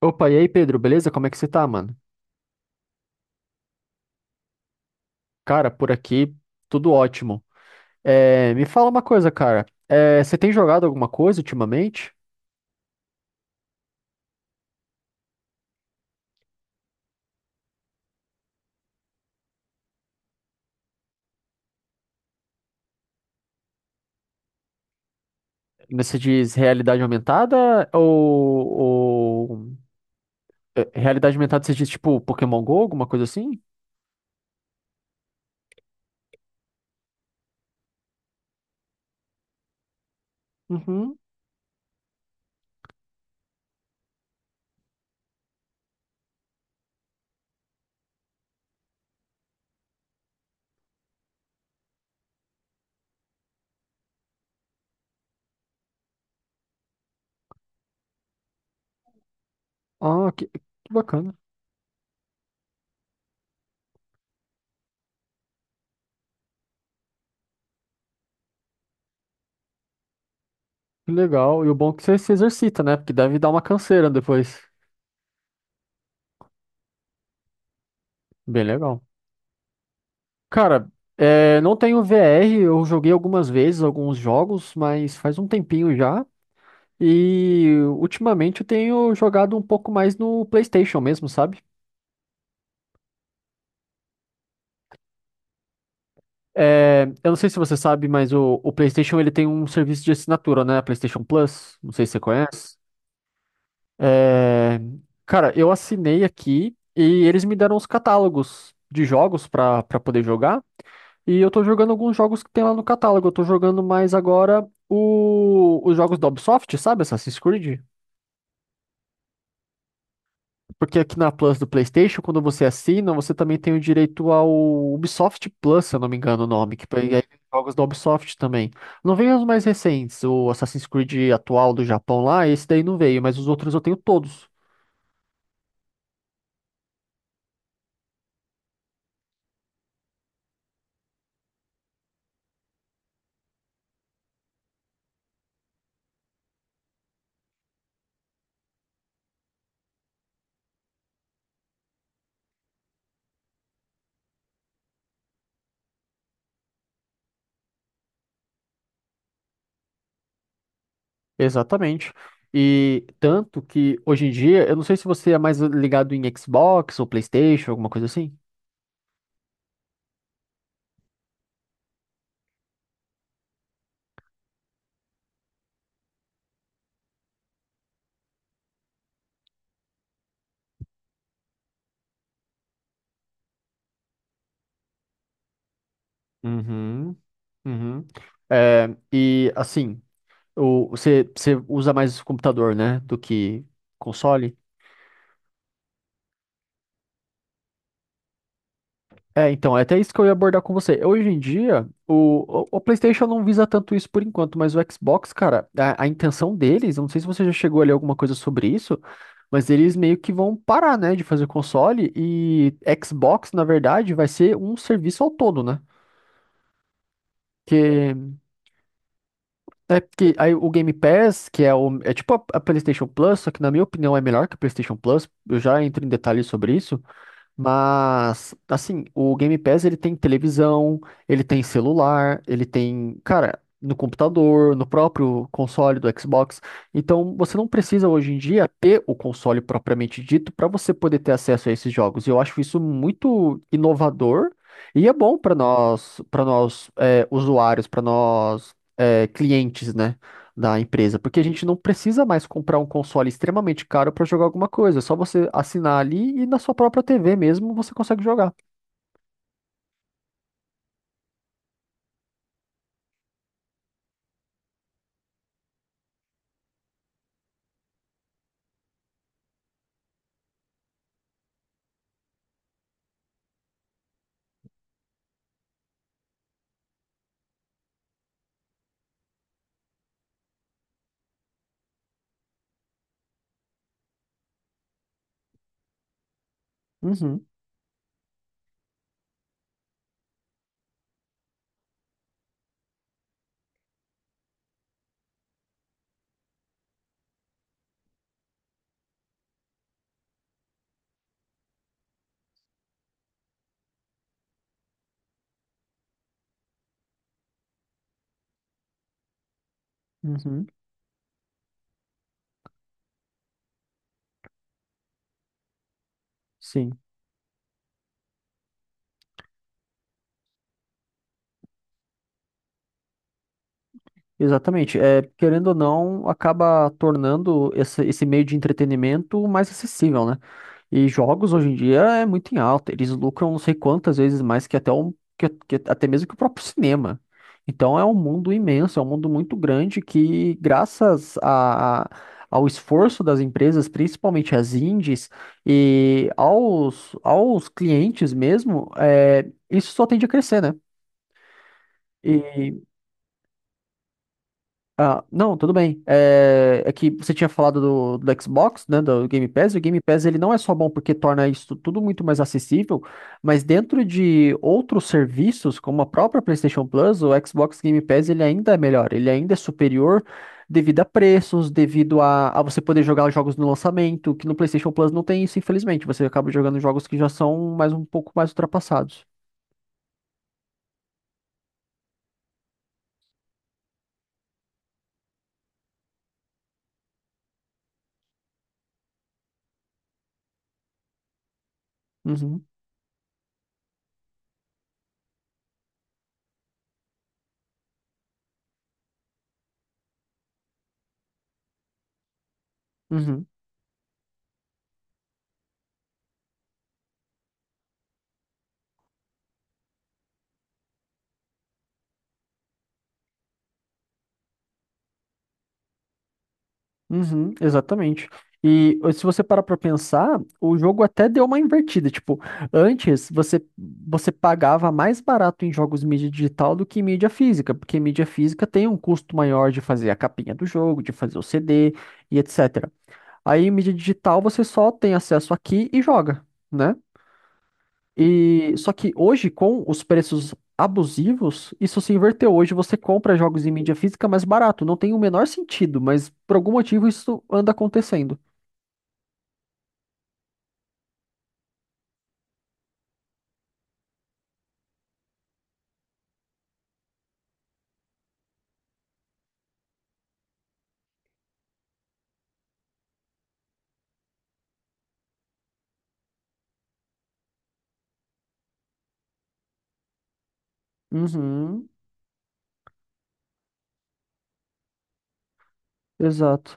Opa, e aí, Pedro, beleza? Como é que você tá, mano? Cara, por aqui, tudo ótimo. Me fala uma coisa, cara. Você tem jogado alguma coisa ultimamente? Você diz realidade aumentada ou, é, realidade aumentada você diz tipo Pokémon Go, alguma coisa assim? Uhum. Ah, que bacana. Que legal. E o bom é que você se exercita, né? Porque deve dar uma canseira depois. Bem legal. Cara, é, não tenho VR, eu joguei algumas vezes alguns jogos, mas faz um tempinho já. E ultimamente eu tenho jogado um pouco mais no PlayStation mesmo, sabe? É, eu não sei se você sabe, mas o PlayStation ele tem um serviço de assinatura, né? PlayStation Plus. Não sei se você conhece. É, cara, eu assinei aqui e eles me deram os catálogos de jogos pra para poder jogar. E eu tô jogando alguns jogos que tem lá no catálogo. Eu tô jogando mais agora os jogos da Ubisoft, sabe? Assassin's Creed. Porque aqui na Plus do PlayStation, quando você assina, você também tem o direito ao Ubisoft Plus, se eu não me engano o nome, que aí hum tem jogos da Ubisoft também. Não veio os mais recentes, o Assassin's Creed atual do Japão lá, esse daí não veio, mas os outros eu tenho todos. Exatamente. E tanto que hoje em dia, eu não sei se você é mais ligado em Xbox ou PlayStation, alguma coisa assim. Uhum, uhum. É, e assim, o, você, você usa mais computador, né, do que console? É, então, é até isso que eu ia abordar com você. Hoje em dia, o PlayStation não visa tanto isso por enquanto, mas o Xbox, cara, a intenção deles, eu não sei se você já chegou a ler alguma coisa sobre isso, mas eles meio que vão parar, né, de fazer console e Xbox, na verdade, vai ser um serviço ao todo, né? Que É porque aí o Game Pass, é tipo a PlayStation Plus, só que na minha opinião é melhor que a PlayStation Plus, eu já entro em detalhes sobre isso. Mas, assim, o Game Pass ele tem televisão, ele tem celular, ele tem, cara, no computador, no próprio console do Xbox. Então, você não precisa hoje em dia ter o console propriamente dito para você poder ter acesso a esses jogos. E eu acho isso muito inovador e é bom para nós é, usuários, para nós é, clientes, né? Da empresa, porque a gente não precisa mais comprar um console extremamente caro para jogar alguma coisa, é só você assinar ali e na sua própria TV mesmo você consegue jogar. Uhum, uhum, sim. Exatamente. É, querendo ou não, acaba tornando esse meio de entretenimento mais acessível, né? E jogos hoje em dia é muito em alta. Eles lucram não sei quantas vezes mais que até, um, que até mesmo que o próprio cinema. Então é um mundo imenso, é um mundo muito grande que, graças a ao esforço das empresas, principalmente as indies, e aos, aos clientes mesmo, é, isso só tende a crescer, né? Ah, não, tudo bem. É, é que você tinha falado do, do Xbox, né, do Game Pass, e o Game Pass ele não é só bom porque torna isso tudo muito mais acessível, mas dentro de outros serviços, como a própria PlayStation Plus, o Xbox Game Pass ele ainda é melhor, ele ainda é superior devido a preços, devido a você poder jogar os jogos no lançamento, que no PlayStation Plus não tem isso, infelizmente. Você acaba jogando jogos que já são mais um pouco mais ultrapassados. Uhum, uhum. Uhum, exatamente. E eh, se você parar pra pensar, o jogo até deu uma invertida. Tipo, antes você pagava mais barato em jogos mídia digital do que em mídia física, porque mídia física tem um custo maior de fazer a capinha do jogo, de fazer o CD e etc. Aí em mídia digital você só tem acesso aqui e joga, né? E só que hoje, com os preços abusivos, isso se inverteu. Hoje você compra jogos em mídia física mais barato. Não tem o menor sentido, mas por algum motivo isso anda acontecendo. Uhum, exato.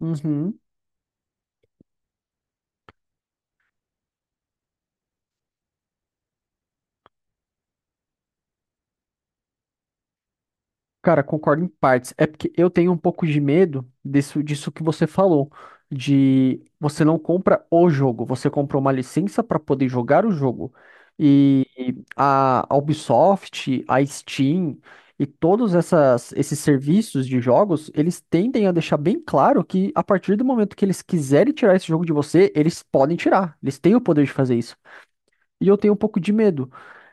Uhum. Cara, concordo em partes. É porque eu tenho um pouco de medo disso, disso que você falou, de você não compra o jogo, você compra uma licença para poder jogar o jogo. E a Ubisoft, a Steam e esses serviços de jogos, eles tendem a deixar bem claro que a partir do momento que eles quiserem tirar esse jogo de você, eles podem tirar. Eles têm o poder de fazer isso. E eu tenho um pouco de medo.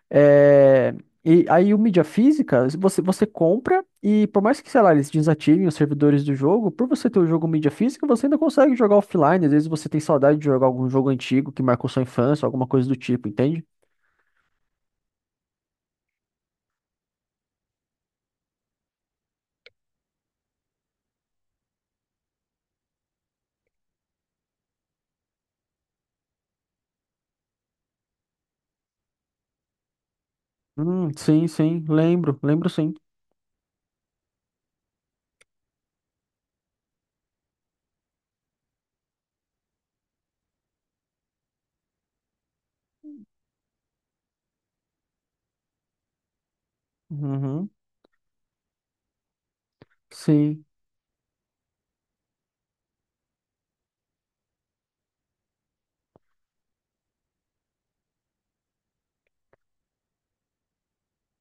É, e aí o mídia física, você compra e por mais que, sei lá, eles desativem os servidores do jogo, por você ter o jogo mídia física, você ainda consegue jogar offline. Às vezes você tem saudade de jogar algum jogo antigo que marcou sua infância, alguma coisa do tipo, entende? Sim, sim, lembro, lembro sim. Uhum, sim.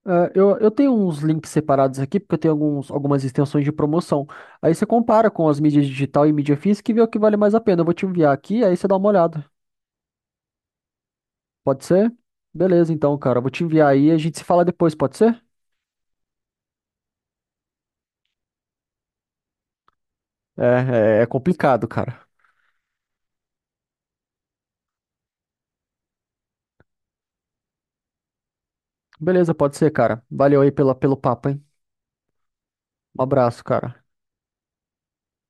É, eu tenho uns links separados aqui, porque eu tenho alguns, algumas extensões de promoção. Aí você compara com as mídias digital e mídia física e vê o que vale mais a pena. Eu vou te enviar aqui, aí você dá uma olhada. Pode ser? Beleza, então, cara. Eu vou te enviar aí e a gente se fala depois, pode ser? É, é, é complicado, cara. Beleza, pode ser, cara. Valeu aí pela, pelo papo, hein? Um abraço, cara.